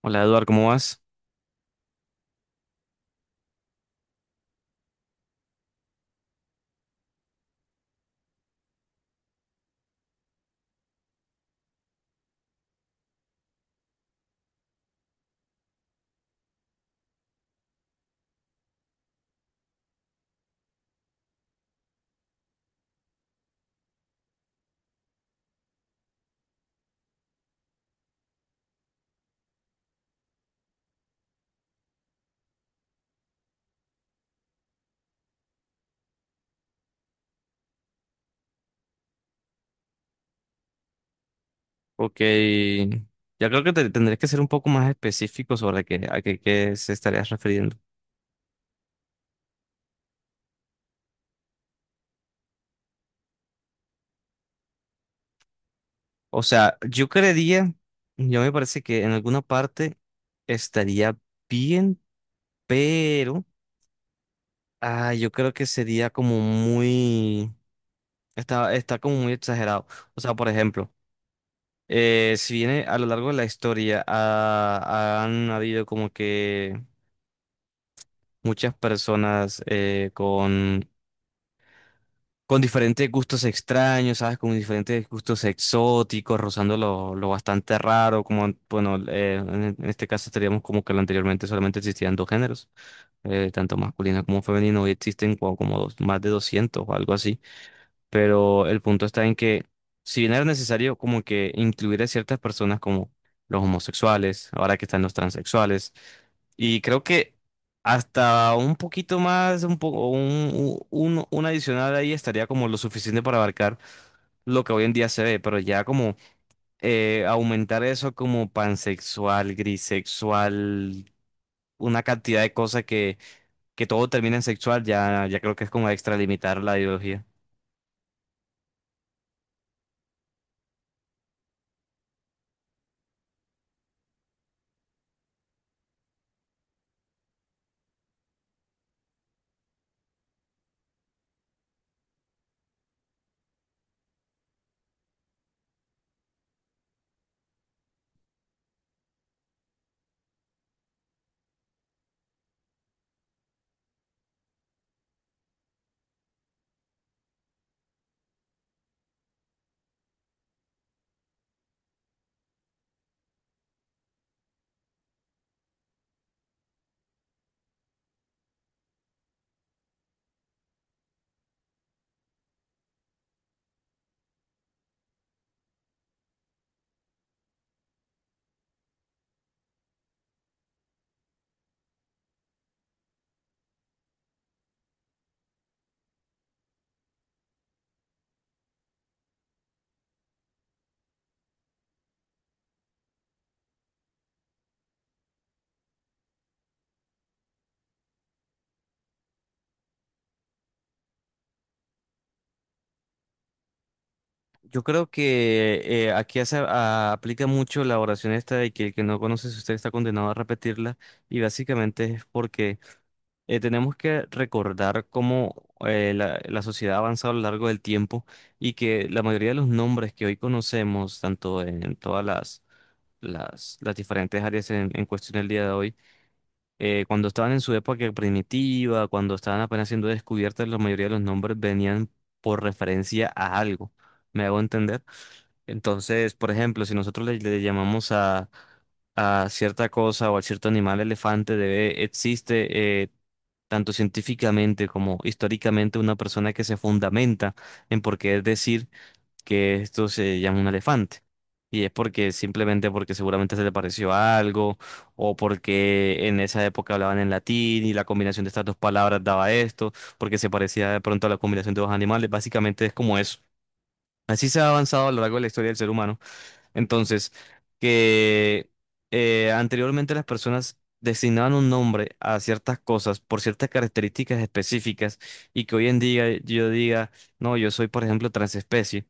Hola Eduard, ¿cómo vas? Ok, ya creo que tendré que ser un poco más específico sobre qué se estarías refiriendo. O sea, yo me parece que en alguna parte estaría bien, pero yo creo que sería como está como muy exagerado. O sea, por ejemplo, si viene a lo largo de la historia, han habido como que muchas personas con diferentes gustos extraños, ¿sabes? Con diferentes gustos exóticos, rozando lo bastante raro, como, bueno, en este caso estaríamos como que lo anteriormente solamente existían dos géneros, tanto masculino como femenino, hoy existen como dos- más de 200 o algo así, pero el punto está en que si bien era necesario como que incluir a ciertas personas como los homosexuales, ahora que están los transexuales, y creo que hasta un poquito más, un poco, un adicional ahí estaría como lo suficiente para abarcar lo que hoy en día se ve, pero ya como aumentar eso como pansexual, grisexual, una cantidad de cosas que todo termina en sexual, ya creo que es como extralimitar la ideología. Yo creo que aplica mucho la oración esta de que el que no conoce su historia está condenado a repetirla, y básicamente es porque tenemos que recordar cómo la sociedad ha avanzado a lo largo del tiempo, y que la mayoría de los nombres que hoy conocemos, tanto en las diferentes áreas en cuestión el día de hoy, cuando estaban en su época primitiva, cuando estaban apenas siendo descubiertas, la mayoría de los nombres venían por referencia a algo. ¿Me hago entender? Entonces, por ejemplo, si nosotros le llamamos a cierta cosa o a cierto animal elefante, existe tanto científicamente como históricamente una persona que se fundamenta en por qué decir que esto se llama un elefante. Y es porque simplemente porque seguramente se le pareció a algo, o porque en esa época hablaban en latín y la combinación de estas dos palabras daba esto, porque se parecía de pronto a la combinación de dos animales. Básicamente es como eso. Así se ha avanzado a lo largo de la historia del ser humano. Entonces, que anteriormente las personas designaban un nombre a ciertas cosas por ciertas características específicas, y que hoy en día yo diga, no, yo soy, por ejemplo, transespecie.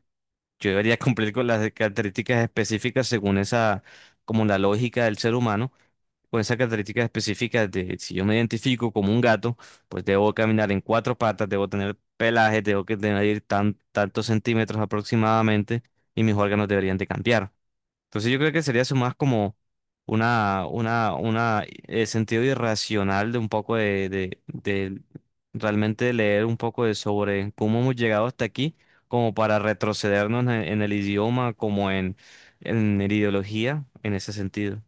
Yo debería cumplir con las características específicas según esa, como la lógica del ser humano, con esas características específicas de si yo me identifico como un gato, pues debo caminar en cuatro patas, debo tener pelaje, debo que tener tantos centímetros aproximadamente, y mis órganos deberían de cambiar. Entonces yo creo que sería eso más como una sentido irracional de un poco de realmente leer un poco de sobre cómo hemos llegado hasta aquí, como para retrocedernos en el idioma, como en la ideología, en ese sentido.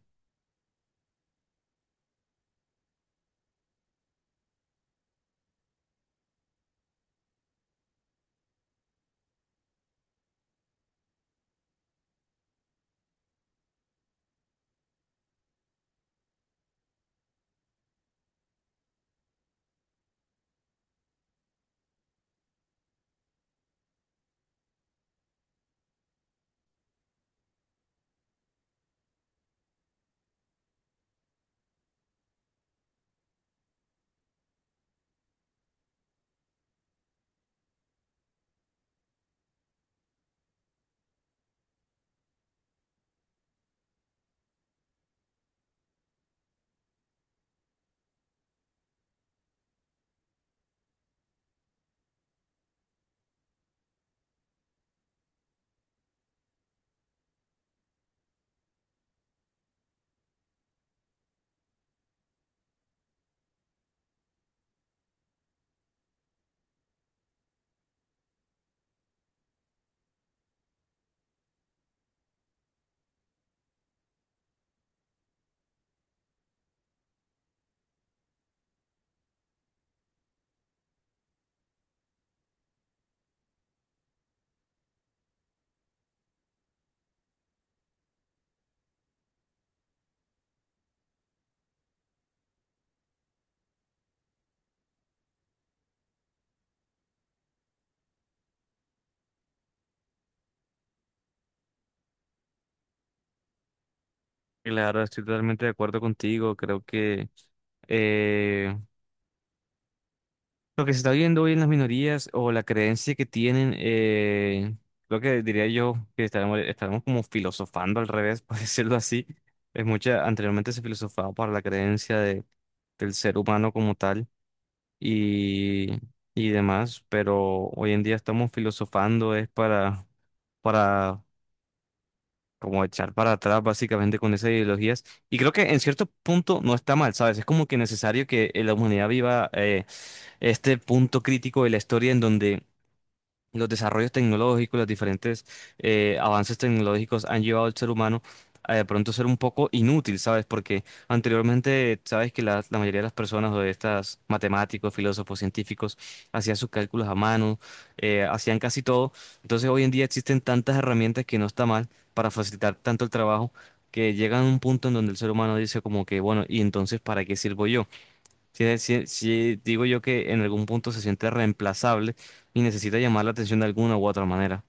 Claro, estoy totalmente de acuerdo contigo. Creo que eh, lo que se está viendo hoy en las minorías o la creencia que tienen, lo que diría yo que estaremos como filosofando al revés, por decirlo así. Es mucha, anteriormente se filosofaba para la creencia del ser humano como tal y, y demás, pero hoy en día estamos filosofando es para como echar para atrás básicamente con esas ideologías. Y creo que en cierto punto no está mal, ¿sabes? Es como que necesario que la humanidad viva este punto crítico de la historia en donde los desarrollos tecnológicos, los diferentes avances tecnológicos han llevado al ser humano a de pronto ser un poco inútil, ¿sabes? Porque anteriormente, sabes que la mayoría de las personas o de estas matemáticos, filósofos, científicos, hacían sus cálculos a mano, hacían casi todo. Entonces hoy en día existen tantas herramientas que no está mal para facilitar tanto el trabajo, que llegan a un punto en donde el ser humano dice como que, bueno, ¿y entonces para qué sirvo yo? Sí, sí, digo yo que en algún punto se siente reemplazable y necesita llamar la atención de alguna u otra manera.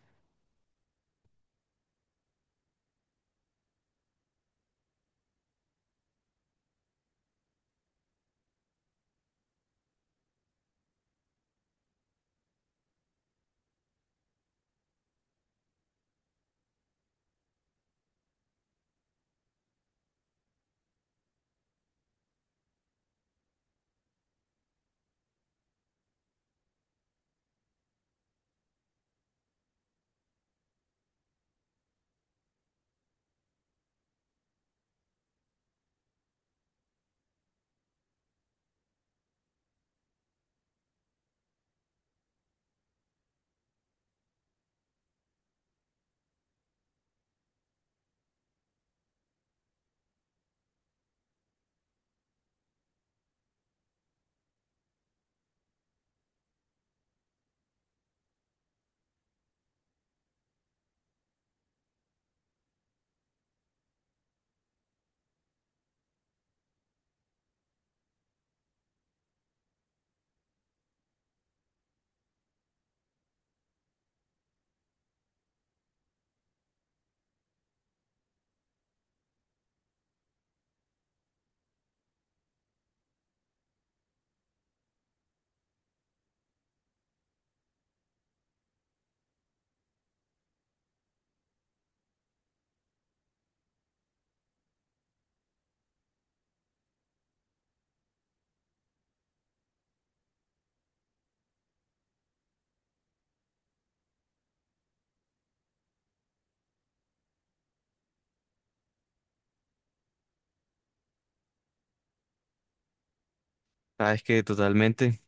Sabes que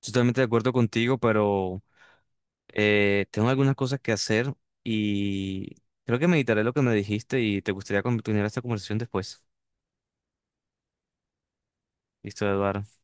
totalmente de acuerdo contigo, pero tengo algunas cosas que hacer, y creo que meditaré lo que me dijiste y te gustaría continuar esta conversación después. Listo, Eduardo.